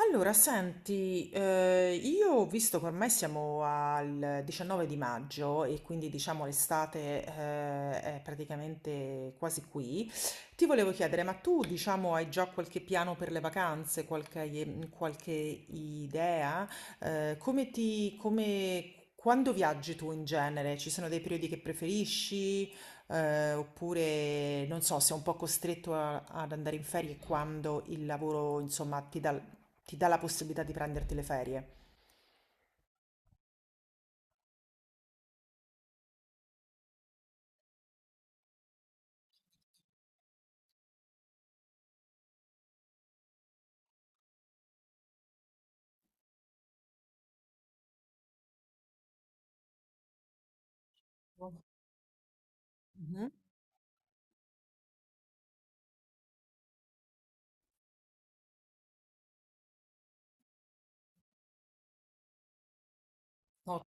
Allora, senti, io visto che ormai siamo al 19 di maggio e quindi diciamo l'estate è praticamente quasi qui, ti volevo chiedere, ma tu diciamo hai già qualche piano per le vacanze, qualche idea? Quando viaggi tu in genere? Ci sono dei periodi che preferisci? Oppure non so, sei un po' costretto ad andare in ferie quando il lavoro, insomma, ti dà la possibilità di prenderti le ferie. Mhm. Ok.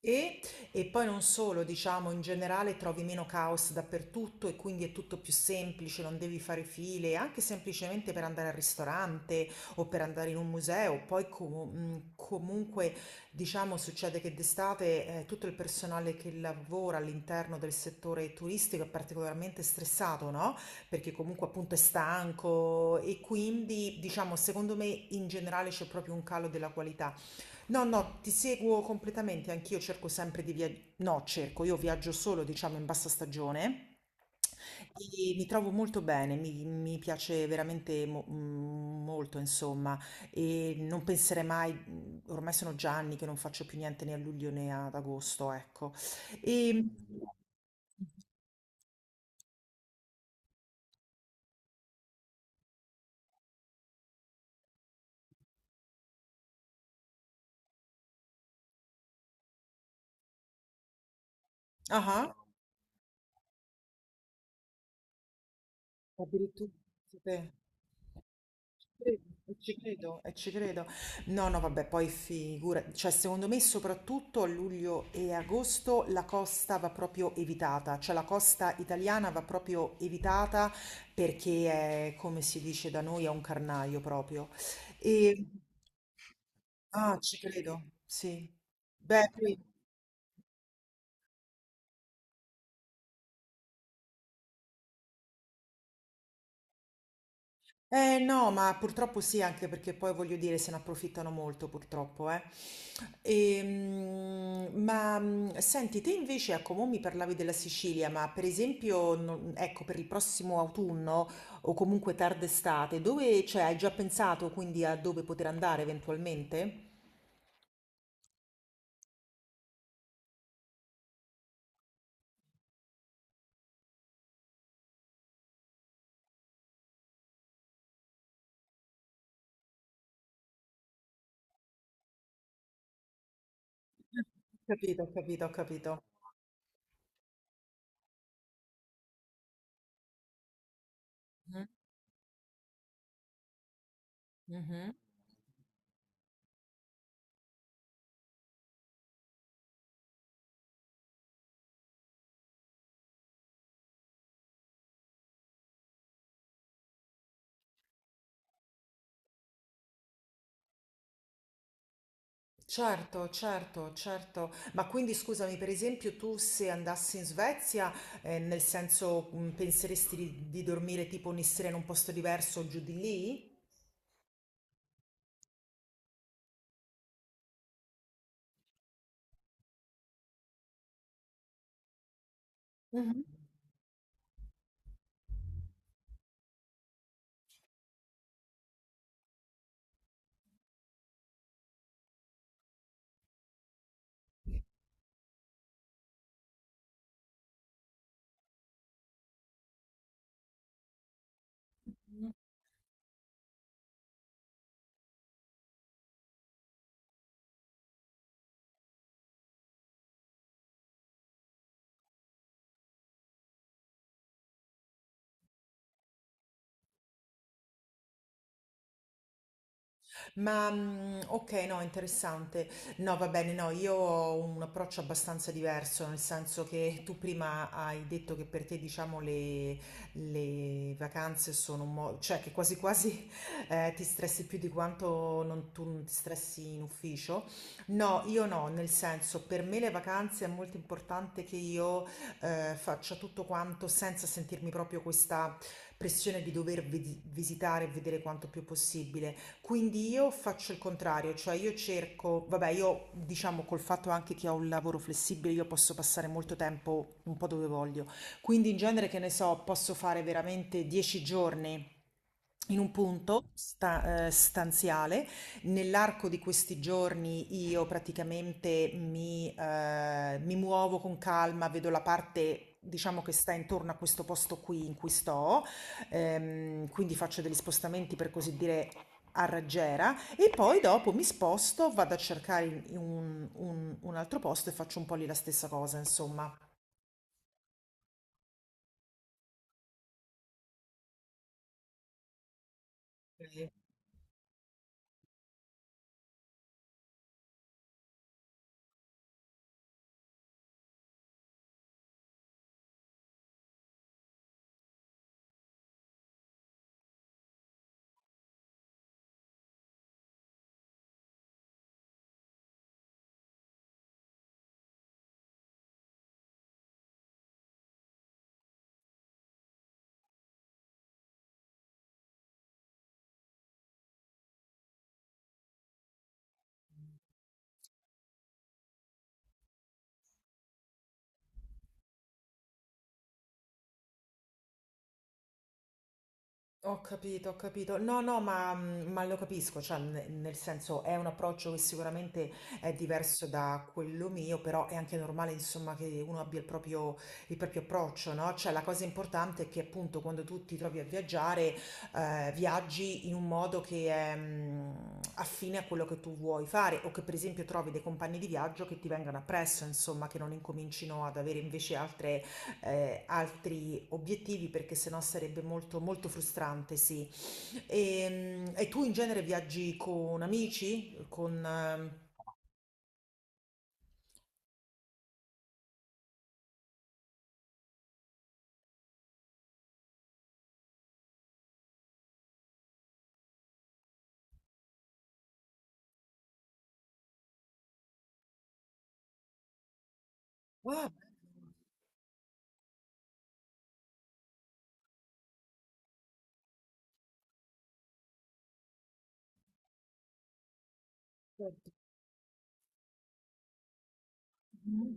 E, e poi non solo, diciamo, in generale trovi meno caos dappertutto e quindi è tutto più semplice, non devi fare file, anche semplicemente per andare al ristorante o per andare in un museo. Poi comunque, diciamo, succede che d'estate tutto il personale che lavora all'interno del settore turistico è particolarmente stressato, no? Perché comunque appunto è stanco e quindi, diciamo, secondo me in generale c'è proprio un calo della qualità. No, no, ti seguo completamente, anch'io cerco sempre di viaggiare, no, cerco, io viaggio solo, diciamo, in bassa stagione e mi trovo molto bene, mi piace veramente molto, insomma, e non penserei mai, ormai sono già anni che non faccio più niente né a luglio né ad agosto, ecco. E. Ah, addirittura, sapete, credo, e ci credo, e ci credo. No, no, vabbè, poi figura, cioè secondo me soprattutto a luglio e agosto la costa va proprio evitata, cioè la costa italiana va proprio evitata perché è, come si dice da noi, è un carnaio proprio. E. Ah, ci credo, sì. Beh. Eh no, ma purtroppo sì, anche perché poi voglio dire se ne approfittano molto purtroppo, eh. Ma senti, te invece, ecco, mo mi parlavi della Sicilia, ma per esempio, ecco, per il prossimo autunno o comunque tarda estate, dove, cioè, hai già pensato quindi a dove poter andare eventualmente? Capito, ho capito, ho capito. Mhm, mhm. Certo, certo, certo. Ma quindi scusami, per esempio, tu se andassi in Svezia, nel senso, penseresti di dormire tipo ogni sera in un posto diverso giù di lì? Ma, okay, no, interessante. No, va bene, no, io ho un approccio abbastanza diverso, nel senso che tu prima hai detto che per te, diciamo, le vacanze sono un mo cioè che quasi quasi, ti stressi più di quanto non tu non ti stressi in ufficio. No, io no, nel senso, per me le vacanze è molto importante che io, faccia tutto quanto senza sentirmi proprio questa pressione di dover vedi visitare e vedere quanto più possibile. Quindi io faccio il contrario, cioè io cerco, vabbè, io diciamo col fatto anche che ho un lavoro flessibile, io posso passare molto tempo un po' dove voglio. Quindi in genere, che ne so, posso fare veramente 10 giorni in un punto stanziale. Nell'arco di questi giorni io praticamente mi muovo con calma, vedo la parte. Diciamo che sta intorno a questo posto qui in cui sto, quindi faccio degli spostamenti per così dire a raggiera e poi dopo mi sposto, vado a cercare in un altro posto e faccio un po' lì la stessa cosa, insomma. Ho capito, ho capito. No, no, ma lo capisco, cioè, nel senso è un approccio che sicuramente è diverso da quello mio, però è anche normale, insomma, che uno abbia il proprio approccio, no? Cioè, la cosa importante è che appunto quando tu ti trovi a viaggiare, viaggi in un modo che è affine a quello che tu vuoi fare, o che per esempio trovi dei compagni di viaggio che ti vengano appresso, insomma, che non incomincino ad avere invece altre altri obiettivi perché sennò sarebbe molto, molto frustrante, sì. E tu in genere viaggi con amici? Con. Ah, perfetto. Mm.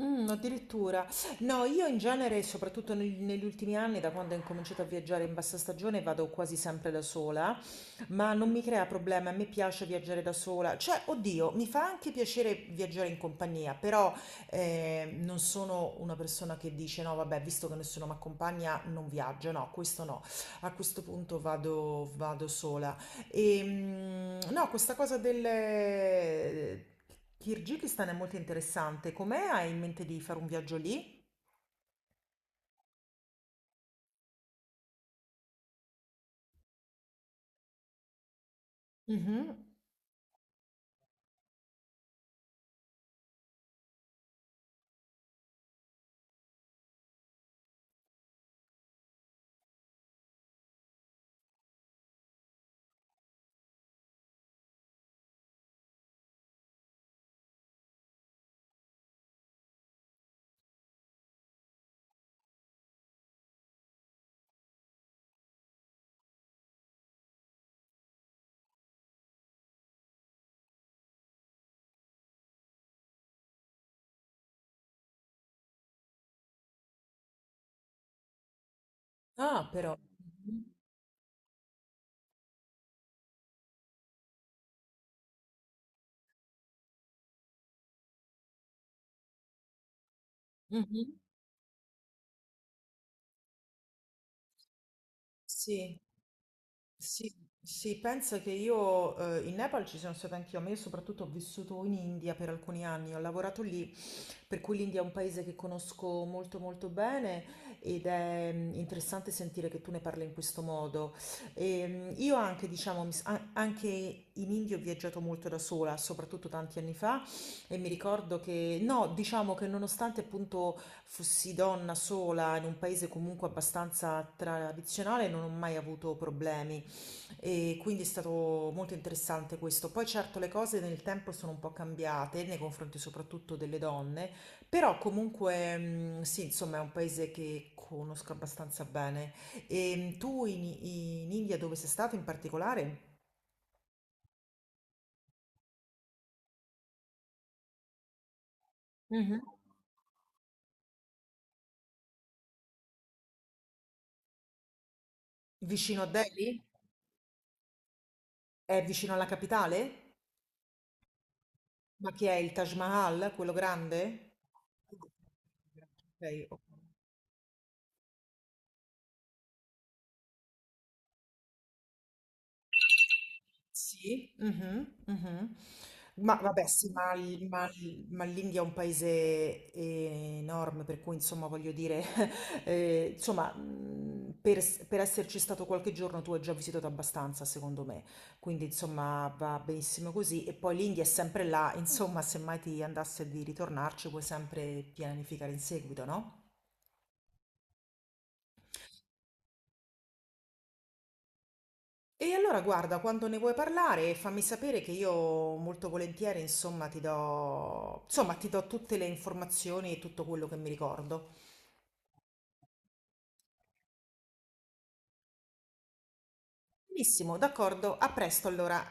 Mm, addirittura. No, io in genere, soprattutto negli ultimi anni, da quando ho incominciato a viaggiare in bassa stagione, vado quasi sempre da sola. Ma non mi crea problemi, a me piace viaggiare da sola, cioè, oddio, mi fa anche piacere viaggiare in compagnia, però non sono una persona che dice no, vabbè, visto che nessuno mi accompagna, non viaggio, no, questo no, a questo punto vado, sola. E, no, questa cosa del Kirghizistan è molto interessante, com'è? Hai in mente di fare un viaggio lì? Mhm. Ah, però. Mhm. Mhm. Sì. Sì, sì, pensa che io in Nepal ci sono stata anch'io, ma io soprattutto ho vissuto in India per alcuni anni, ho lavorato lì, per cui l'India è un paese che conosco molto molto bene ed è interessante sentire che tu ne parli in questo modo. Io anche, diciamo, anche in India ho viaggiato molto da sola, soprattutto tanti anni fa, e mi ricordo che, no, diciamo che nonostante appunto fossi donna sola in un paese comunque abbastanza tradizionale, non ho mai avuto problemi. E quindi è stato molto interessante questo. Poi certo le cose nel tempo sono un po' cambiate nei confronti soprattutto delle donne, però comunque sì, insomma è un paese che conosco abbastanza bene. E tu in India dove sei stato in particolare? Mhm. Vicino a Delhi? È vicino alla capitale? Ma che è il Taj Mahal, quello grande? Ok, ok. Sì, mhm, mhm. Ma vabbè, sì, ma, ma l'India è un paese enorme, per cui insomma voglio dire, insomma, per esserci stato qualche giorno tu hai già visitato abbastanza, secondo me. Quindi insomma va benissimo così. E poi l'India è sempre là, insomma, se mai ti andasse di ritornarci puoi sempre pianificare in seguito, no? E allora guarda, quando ne vuoi parlare, fammi sapere che io molto volentieri, insomma, insomma, ti do tutte le informazioni e tutto quello che mi ricordo. Benissimo, d'accordo, a presto allora.